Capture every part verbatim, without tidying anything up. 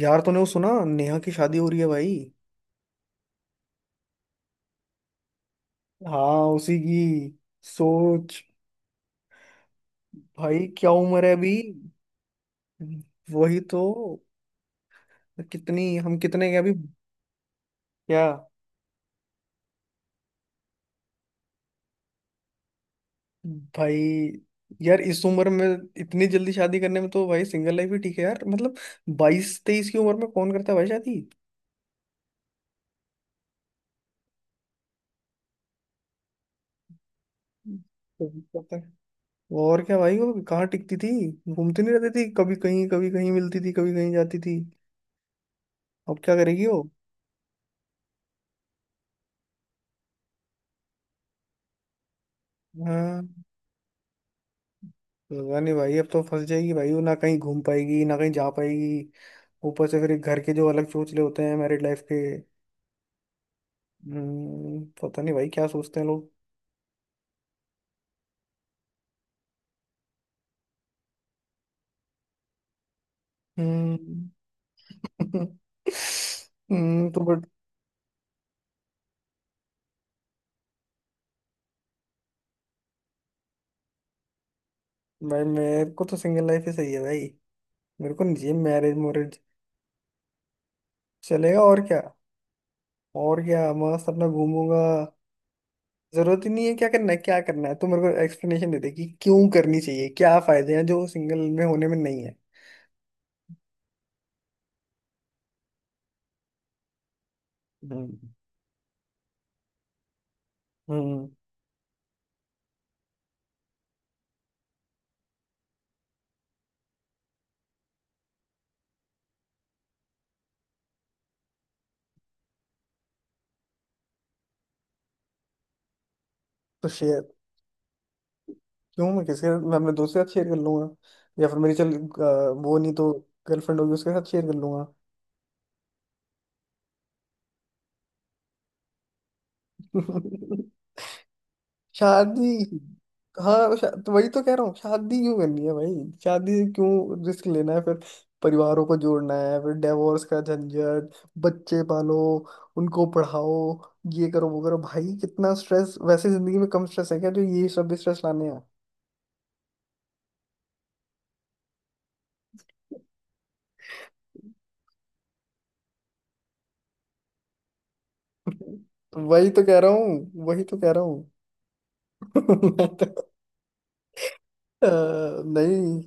यार तूने वो सुना नेहा की शादी हो रही है भाई। हाँ उसी की। सोच। भाई क्या उम्र है अभी। वही तो। कितनी हम कितने के अभी। क्या भाई। यार इस उम्र में इतनी जल्दी शादी करने में तो भाई सिंगल लाइफ ही ठीक है यार मतलब। बाईस तेईस की उम्र में कौन करता है भाई शादी कभी करता है। और क्या भाई वो कहाँ टिकती थी। घूमती नहीं रहती थी कभी कहीं कभी कहीं मिलती थी कभी कहीं जाती थी। अब क्या करेगी वो। हाँ। पता नहीं भाई अब तो फंस जाएगी भाई वो ना कहीं घूम पाएगी ना कहीं जा पाएगी। ऊपर से फिर घर के जो अलग सोच ले होते हैं मैरिड लाइफ के। हम्म, पता नहीं भाई क्या सोचते हैं लोग। हम्म। हम्म, तो बट। भाई मेरे को तो सिंगल लाइफ ही सही है भाई। मेरे को नहीं मैरिज मोरिज चलेगा और क्या। और क्या मस्त अपना घूमूंगा। जरूरत ही नहीं है क्या करना है क्या करना है तो मेरे को एक्सप्लेनेशन दे दे कि क्यों करनी चाहिए क्या फायदे हैं जो सिंगल में होने में नहीं है। हम्म। हम्म। तो शेयर। क्यों मैं किसके साथ मैं अपने दोस्त के साथ शेयर कर लूंगा। या फिर मेरी चल अ, वो नहीं तो गर्लफ्रेंड होगी उसके साथ शेयर कर लूंगा। शादी। हाँ शा, तो वही तो कह रहा हूँ शादी क्यों करनी है भाई। शादी से क्यों रिस्क लेना है फिर। परिवारों को जोड़ना है फिर डिवोर्स का झंझट। बच्चे पालो। उनको पढ़ाओ। ये करो वो करो भाई कितना स्ट्रेस वैसे जिंदगी में कम स्ट्रेस है क्या जो ये सब स्ट्रेस लाने हैं। वही तो कह रहा हूँ वही तो कह रहा हूँ। मैं तो- अ, नहीं।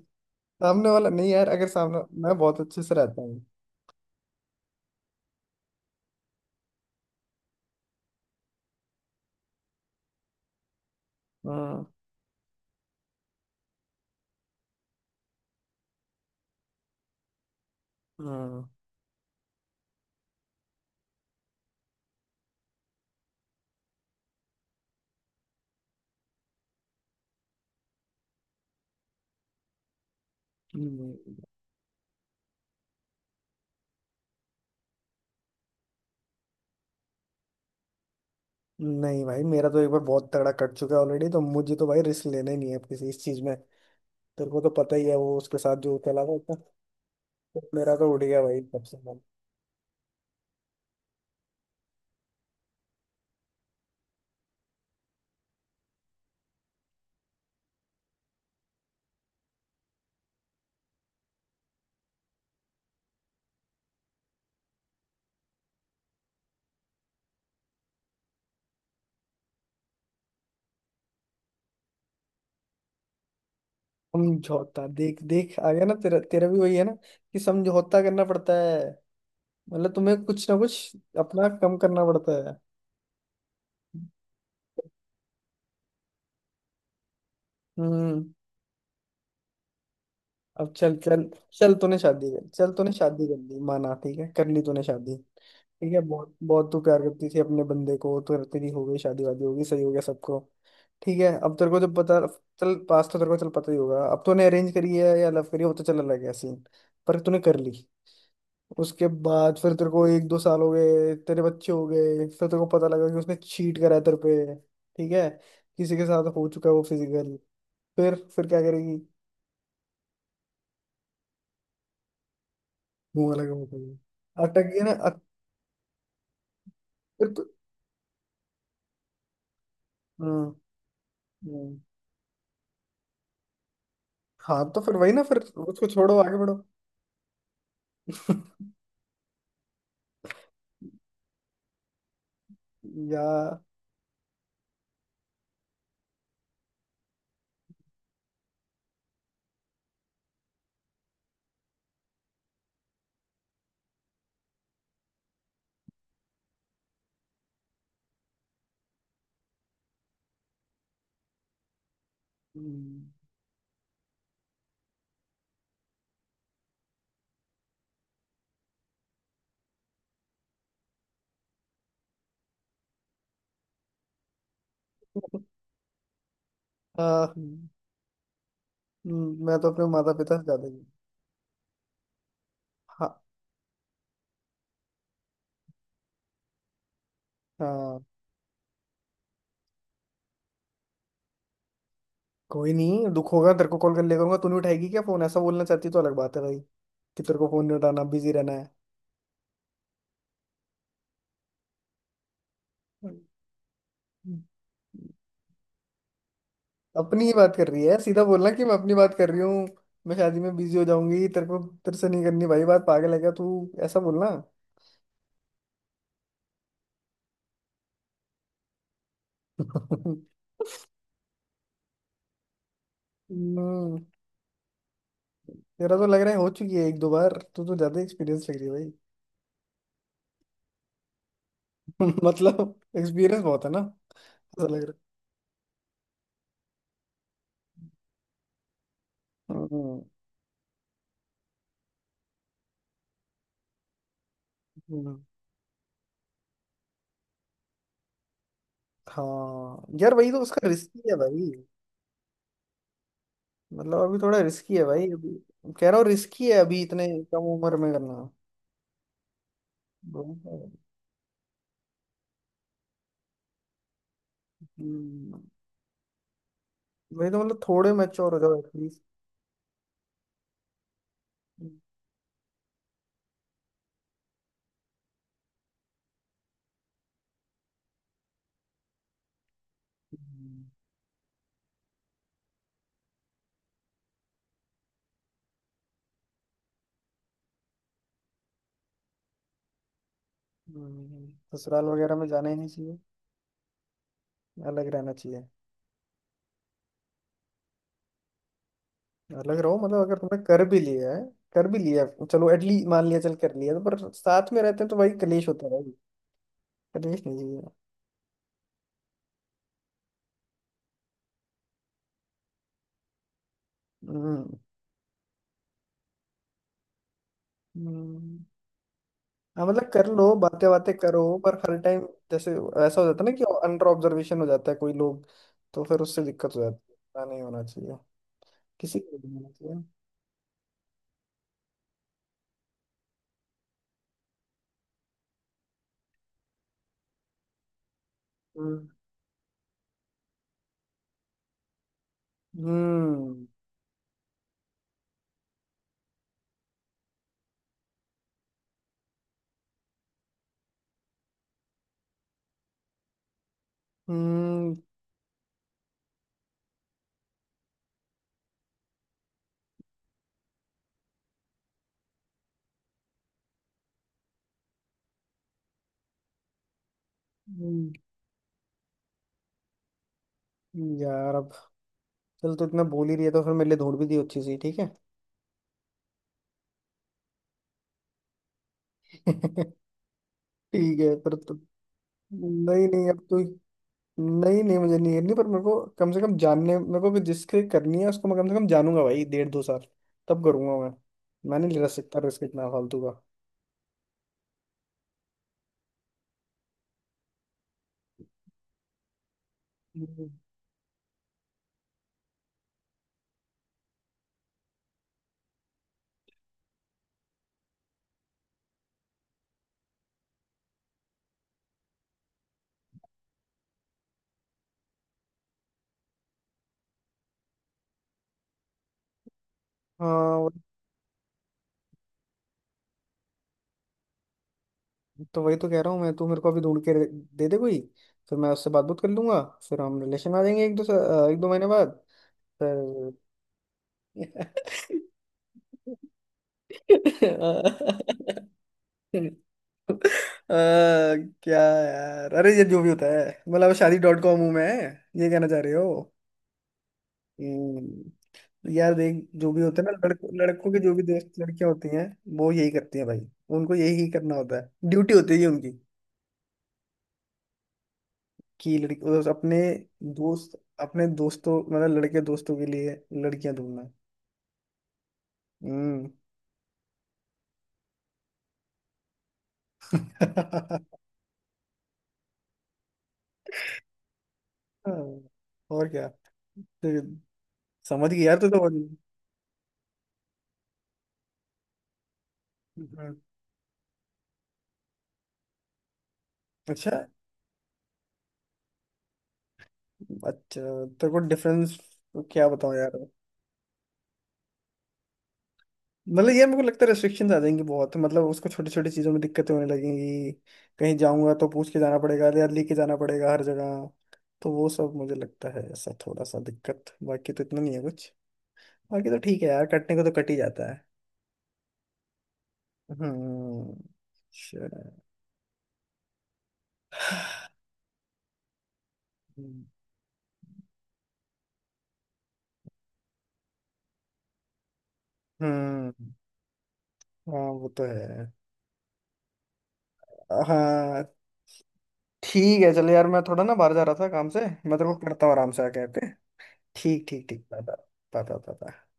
सामने वाला नहीं यार अगर सामने। मैं बहुत अच्छे से रहता हूँ। हाँ। हाँ। नहीं। नहीं भाई मेरा तो एक बार बहुत तगड़ा कट चुका है ऑलरेडी तो मुझे तो भाई रिस्क लेना ही नहीं है अब किसी इस चीज में। तेरे को तो पता ही है वो उसके साथ जो चला था इतना। तो मेरा तो उड़ गया भाई तब से मन। समझौता देख देख आ गया ना तेरा तेरा भी वही है ना कि समझौता करना पड़ता है। मतलब तुम्हें कुछ ना कुछ अपना कम करना पड़ता है। हम्म। अब चल चल चल तूने शादी कर चल तूने शादी कर ली माना ठीक है कर ली तूने शादी ठीक है बहुत बहुत तू प्यार करती थी अपने बंदे को तो तेरी हो गई शादी वादी होगी सही हो गया सबको। ठीक है अब तेरे को जब पता चल पास तो तेरे को चल पता ही होगा अब तूने अरेंज करी है या लव करी है वो तो चल अलग है सीन। पर तूने कर ली। उसके बाद फिर तेरे को एक दो साल हो गए तेरे बच्चे हो गए फिर तेरे को पता लगा कि उसने चीट करा है तेरे पे ठीक है। किसी के साथ हो चुका है वो फिजिकल। फिर फिर क्या करेगी। मुंह अलग हो गई। अटक गई ना। फिर तो। हम्म। हम्म। हाँ तो फिर वही ना फिर उसको छोड़ो आगे बढ़ो। या। हम्म। हाँ। हम्म, मैं तो अपने माता पिता से ज्यादा ही। हाँ। हाँ। कोई नहीं दुख होगा तेरे को कॉल कर ले करूंगा तू नहीं उठाएगी क्या फोन ऐसा बोलना चाहती तो अलग बात है भाई। कि तेरे को फोन नहीं उठाना बिजी रहना है। अपनी ही बात कर रही है सीधा बोलना कि मैं अपनी बात कर रही हूँ। मैं शादी में बिजी हो जाऊंगी तेरे को। तेरे से नहीं करनी भाई बात पागल है क्या तू। ऐसा बोलना। हम्म। तेरा तो लग रहा है हो चुकी है एक दो बार तू तो ज्यादा एक्सपीरियंस लग रही है भाई। मतलब एक्सपीरियंस बहुत है ना ऐसा लग रहा है। हम्म। हम्म। हाँ यार वही तो उसका रिस्की है भाई। मतलब अभी थोड़ा रिस्की है भाई अभी। कह रहा हूँ रिस्की है अभी इतने कम उम्र में करना। हम्म, वही तो मतलब थोड़े मैच्योर हो जाओ एटलीस्ट। ससुराल वगैरह में जाना ही नहीं चाहिए। अलग रहना चाहिए। लग रहा हो मतलब अगर तुमने कर भी लिया है। कर भी लिया है, चलो एटलीस्ट मान लिया चल कर लिया तो पर साथ में रहते हैं तो भाई कलेश होता है भाई। कलेश नहीं चाहिए। हम्म हम्म। हाँ मतलब कर लो बातें बातें करो पर हर टाइम। जैसे ऐसा हो जाता है ना कि अंडर ऑब्जर्वेशन हो जाता है कोई लोग। तो फिर उससे दिक्कत हो जाती है ऐसा नहीं होना चाहिए। किसी को भी नहीं होना चाहिए। हम्म हम्म हम्म हम्म। यार अब चल तो इतना बोल ही रही है तो फिर मेरे लिए ढूंढ भी दी अच्छी सी ठीक है। ठीक है पर तो। नहीं नहीं अब तो। नहीं नहीं मुझे नहीं करनी पर मेरे को कम से कम जानने मेरे को कि जिसके करनी है उसको मैं कम से कम जानूंगा भाई डेढ़ दो साल। तब करूंगा मैं। मैं नहीं ले सकता रिस्क इतना फालतू का। हम्म। हाँ वो- तो वही तो कह रहा हूँ मैं तू मेरे को अभी ढूंढ के दे दे कोई। फिर मैं उससे बात बात कर लूंगा। फिर हम रिलेशन में आ जाएंगे एक दो सा- एक दो महीने बाद। फिर। आ, क्या यार अरे ये जो भी होता है मतलब शादी डॉट कॉम हूँ मैं। ये कहना चाह रहे हो। हम्म, यार देख जो भी होता है ना लड़कों लड़कों की जो भी दोस्त लड़कियां होती हैं। वो यही करती हैं भाई। उनको यही करना होता है ड्यूटी होती है ये उनकी। कि लड़की दोस्त- अपने दोस्त अपने दोस्तों मतलब लड़के दोस्तों के लिए लड़कियां ढूंढना। हम्म। हाँ, और क्या। तो समझ गई यार तू तो। हम्म, अच्छा अच्छा तेरे को डिफरेंस क्या बताऊं यार। मतलब ये मेरे को लगता है रेस्ट्रिक्शंस आ जाएंगी बहुत मतलब उसको छोटी छोटी चीज़ों में दिक्कतें होने लगेंगी। कहीं जाऊंगा तो पूछ के जाना पड़ेगा या लेके जाना पड़ेगा हर जगह। तो वो सब मुझे लगता है ऐसा थोड़ा सा दिक्कत बाकी तो इतना नहीं है कुछ। बाकी तो ठीक है यार कटने को तो कट ही जाता है। हम्म, अच्छा। हम्म, हाँ वो तो है। हाँ ठीक है चलो यार मैं थोड़ा ना बाहर जा रहा था काम से मैं तेरे को करता हूँ आराम से आके ओके। ठीक ठीक ठीक bye bye bye bye bye.